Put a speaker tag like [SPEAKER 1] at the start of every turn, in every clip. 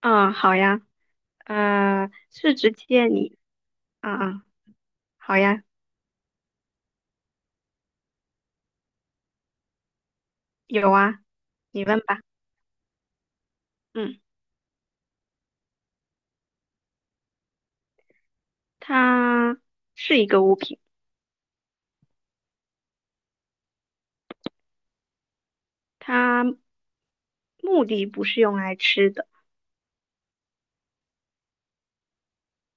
[SPEAKER 1] 啊，好呀，是直接你啊啊，好呀，有啊，你问吧。嗯，它是一个物品，它目的不是用来吃的，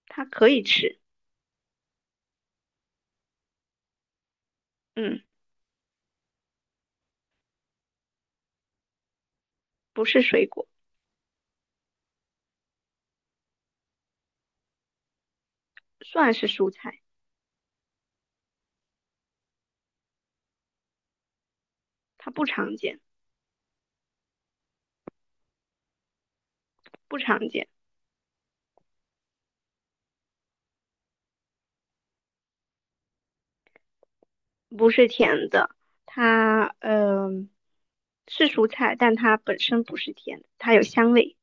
[SPEAKER 1] 它可以吃，嗯，不是水果，算是蔬菜，它不常见，不常见，不是甜的，它是蔬菜，但它本身不是甜的，它有香味。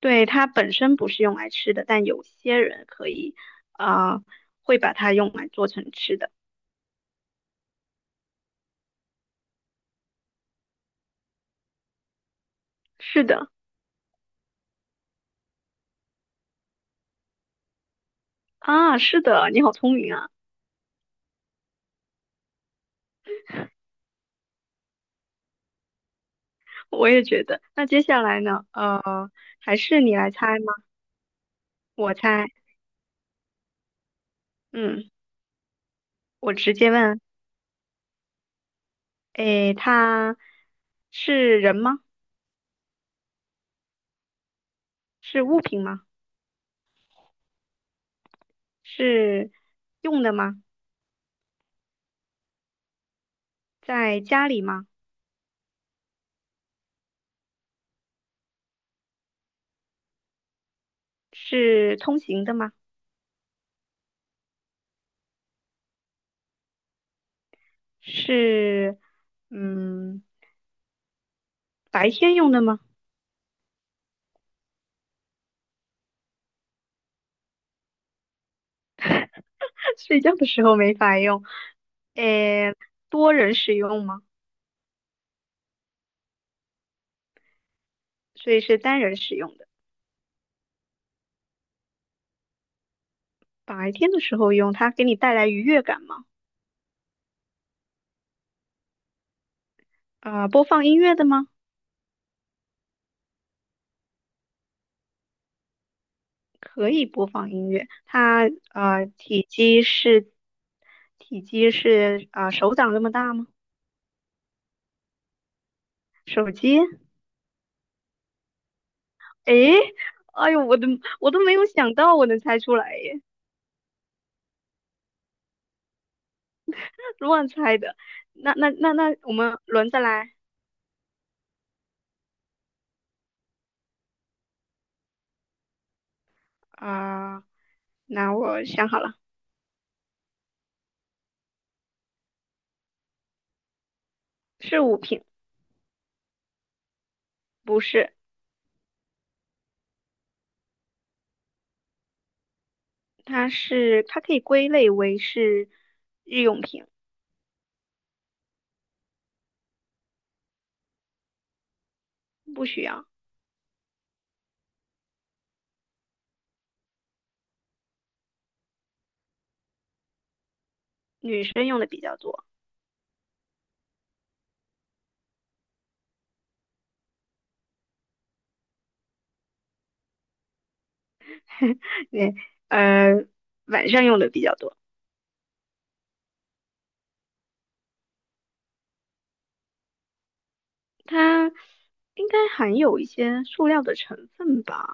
[SPEAKER 1] 对，它本身不是用来吃的，但有些人可以，啊、会把它用来做成吃的。是的，啊，是的，你好聪明啊，我也觉得。那接下来呢？还是你来猜吗？我猜，嗯，我直接问，诶，它是人吗？是物品吗？是用的吗？在家里吗？是通行的吗？是，嗯，白天用的吗？睡觉的时候没法用。诶，多人使用吗？所以是单人使用的。白天的时候用，它给你带来愉悦感吗？播放音乐的吗？可以播放音乐。它体积是体积是手掌这么大吗？手机？诶，哎呦，我都没有想到我能猜出来耶，乱猜的。那那那那，我们轮着来啊，那我想好了，是物品，不是。它可以归类为是日用品，不需要，女生用的比较多，对，呃，晚上用的比较多。它应该含有一些塑料的成分吧？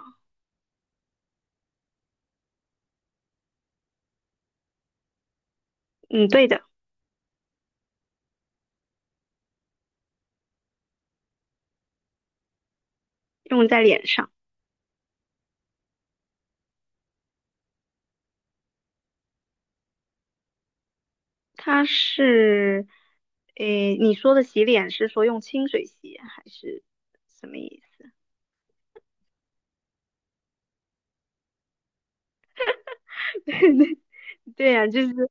[SPEAKER 1] 嗯，对的，用在脸上。它是，诶，你说的洗脸是说用清水洗还是什么意思？对呀，就是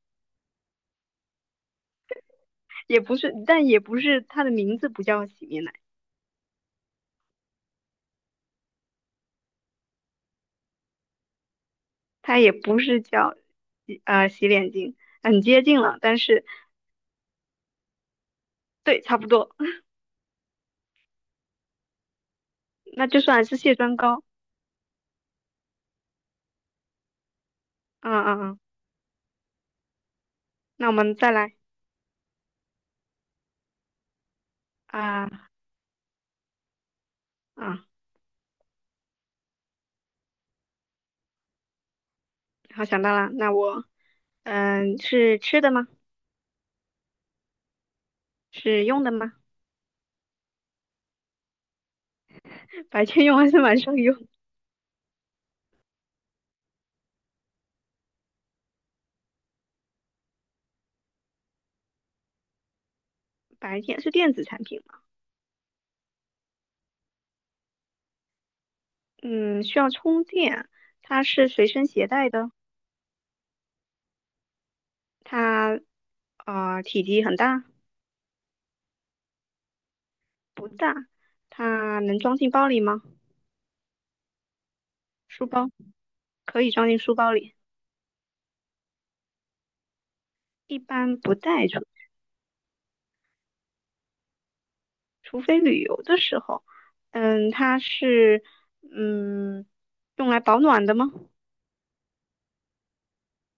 [SPEAKER 1] 也不是，但也不是它的名字不叫洗面奶。它也不是叫洗洗脸巾，很接近了，但是对，差不多，那就算是卸妆膏。嗯嗯嗯，那我们再来啊啊，好想到了，那我嗯是吃的吗？是用的吗？白天用还是晚上用？白天是电子产品吗？嗯，需要充电，它是随身携带的，它体积很大，不大，它能装进包里吗？书包可以装进书包里，一般不带。除非旅游的时候，嗯，它是嗯用来保暖的吗？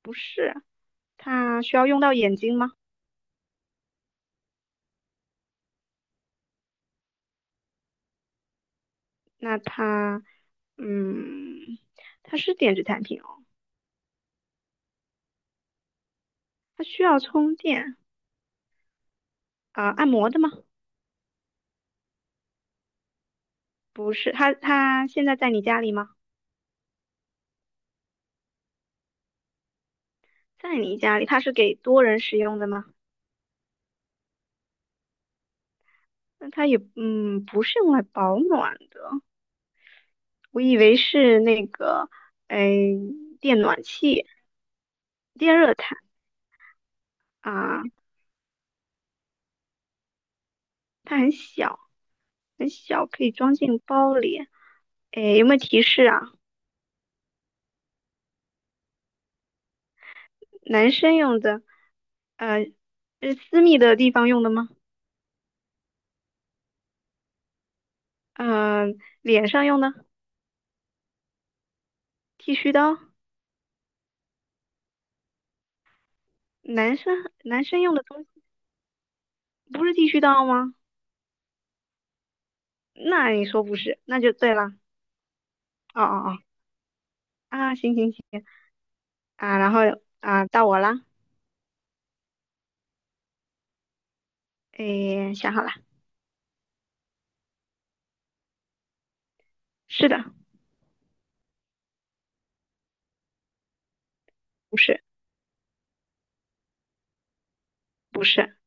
[SPEAKER 1] 不是，它需要用到眼睛吗？那它嗯，它是电子产品哦，它需要充电啊，按摩的吗？不是，它现在在你家里吗？在你家里，它是给多人使用的吗？那它也嗯不是用来保暖的，我以为是那个哎电暖器、电热毯啊，它很小。很小，可以装进包里。诶，有没有提示啊？男生用的，呃，是私密的地方用的吗？脸上用的剃须刀，男生男生用的东西不是剃须刀吗？那你说不是，那就对了。哦哦哦，啊，行行行啊，然后啊，到我啦。诶，想好了，是的，不是，不是，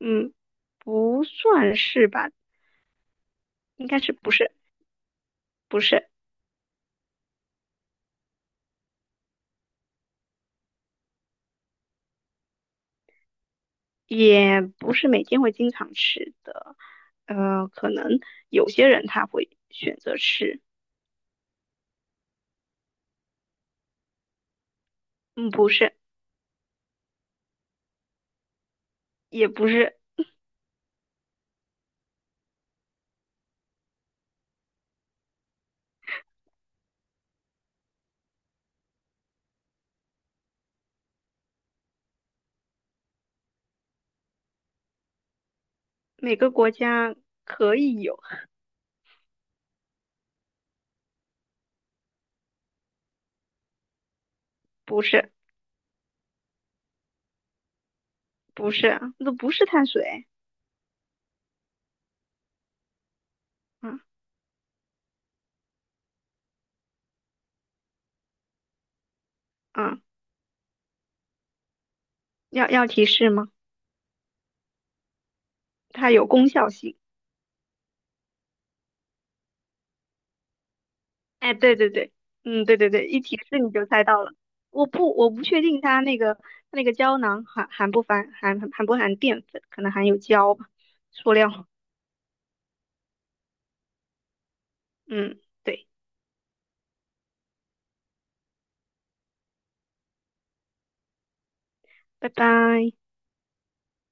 [SPEAKER 1] 嗯，不算是吧？应该是不是，不是。也不是每天会经常吃的，可能有些人他会选择吃，嗯，不是，也不是每个国家可以有，不是，不是啊，那不是碳水，嗯嗯，要要提示吗？它有功效性，哎，对对对，嗯，对对对，一提示你就猜到了，我不确定它那个它那个胶囊含不含淀粉，可能含有胶吧，塑料，嗯，对，拜拜。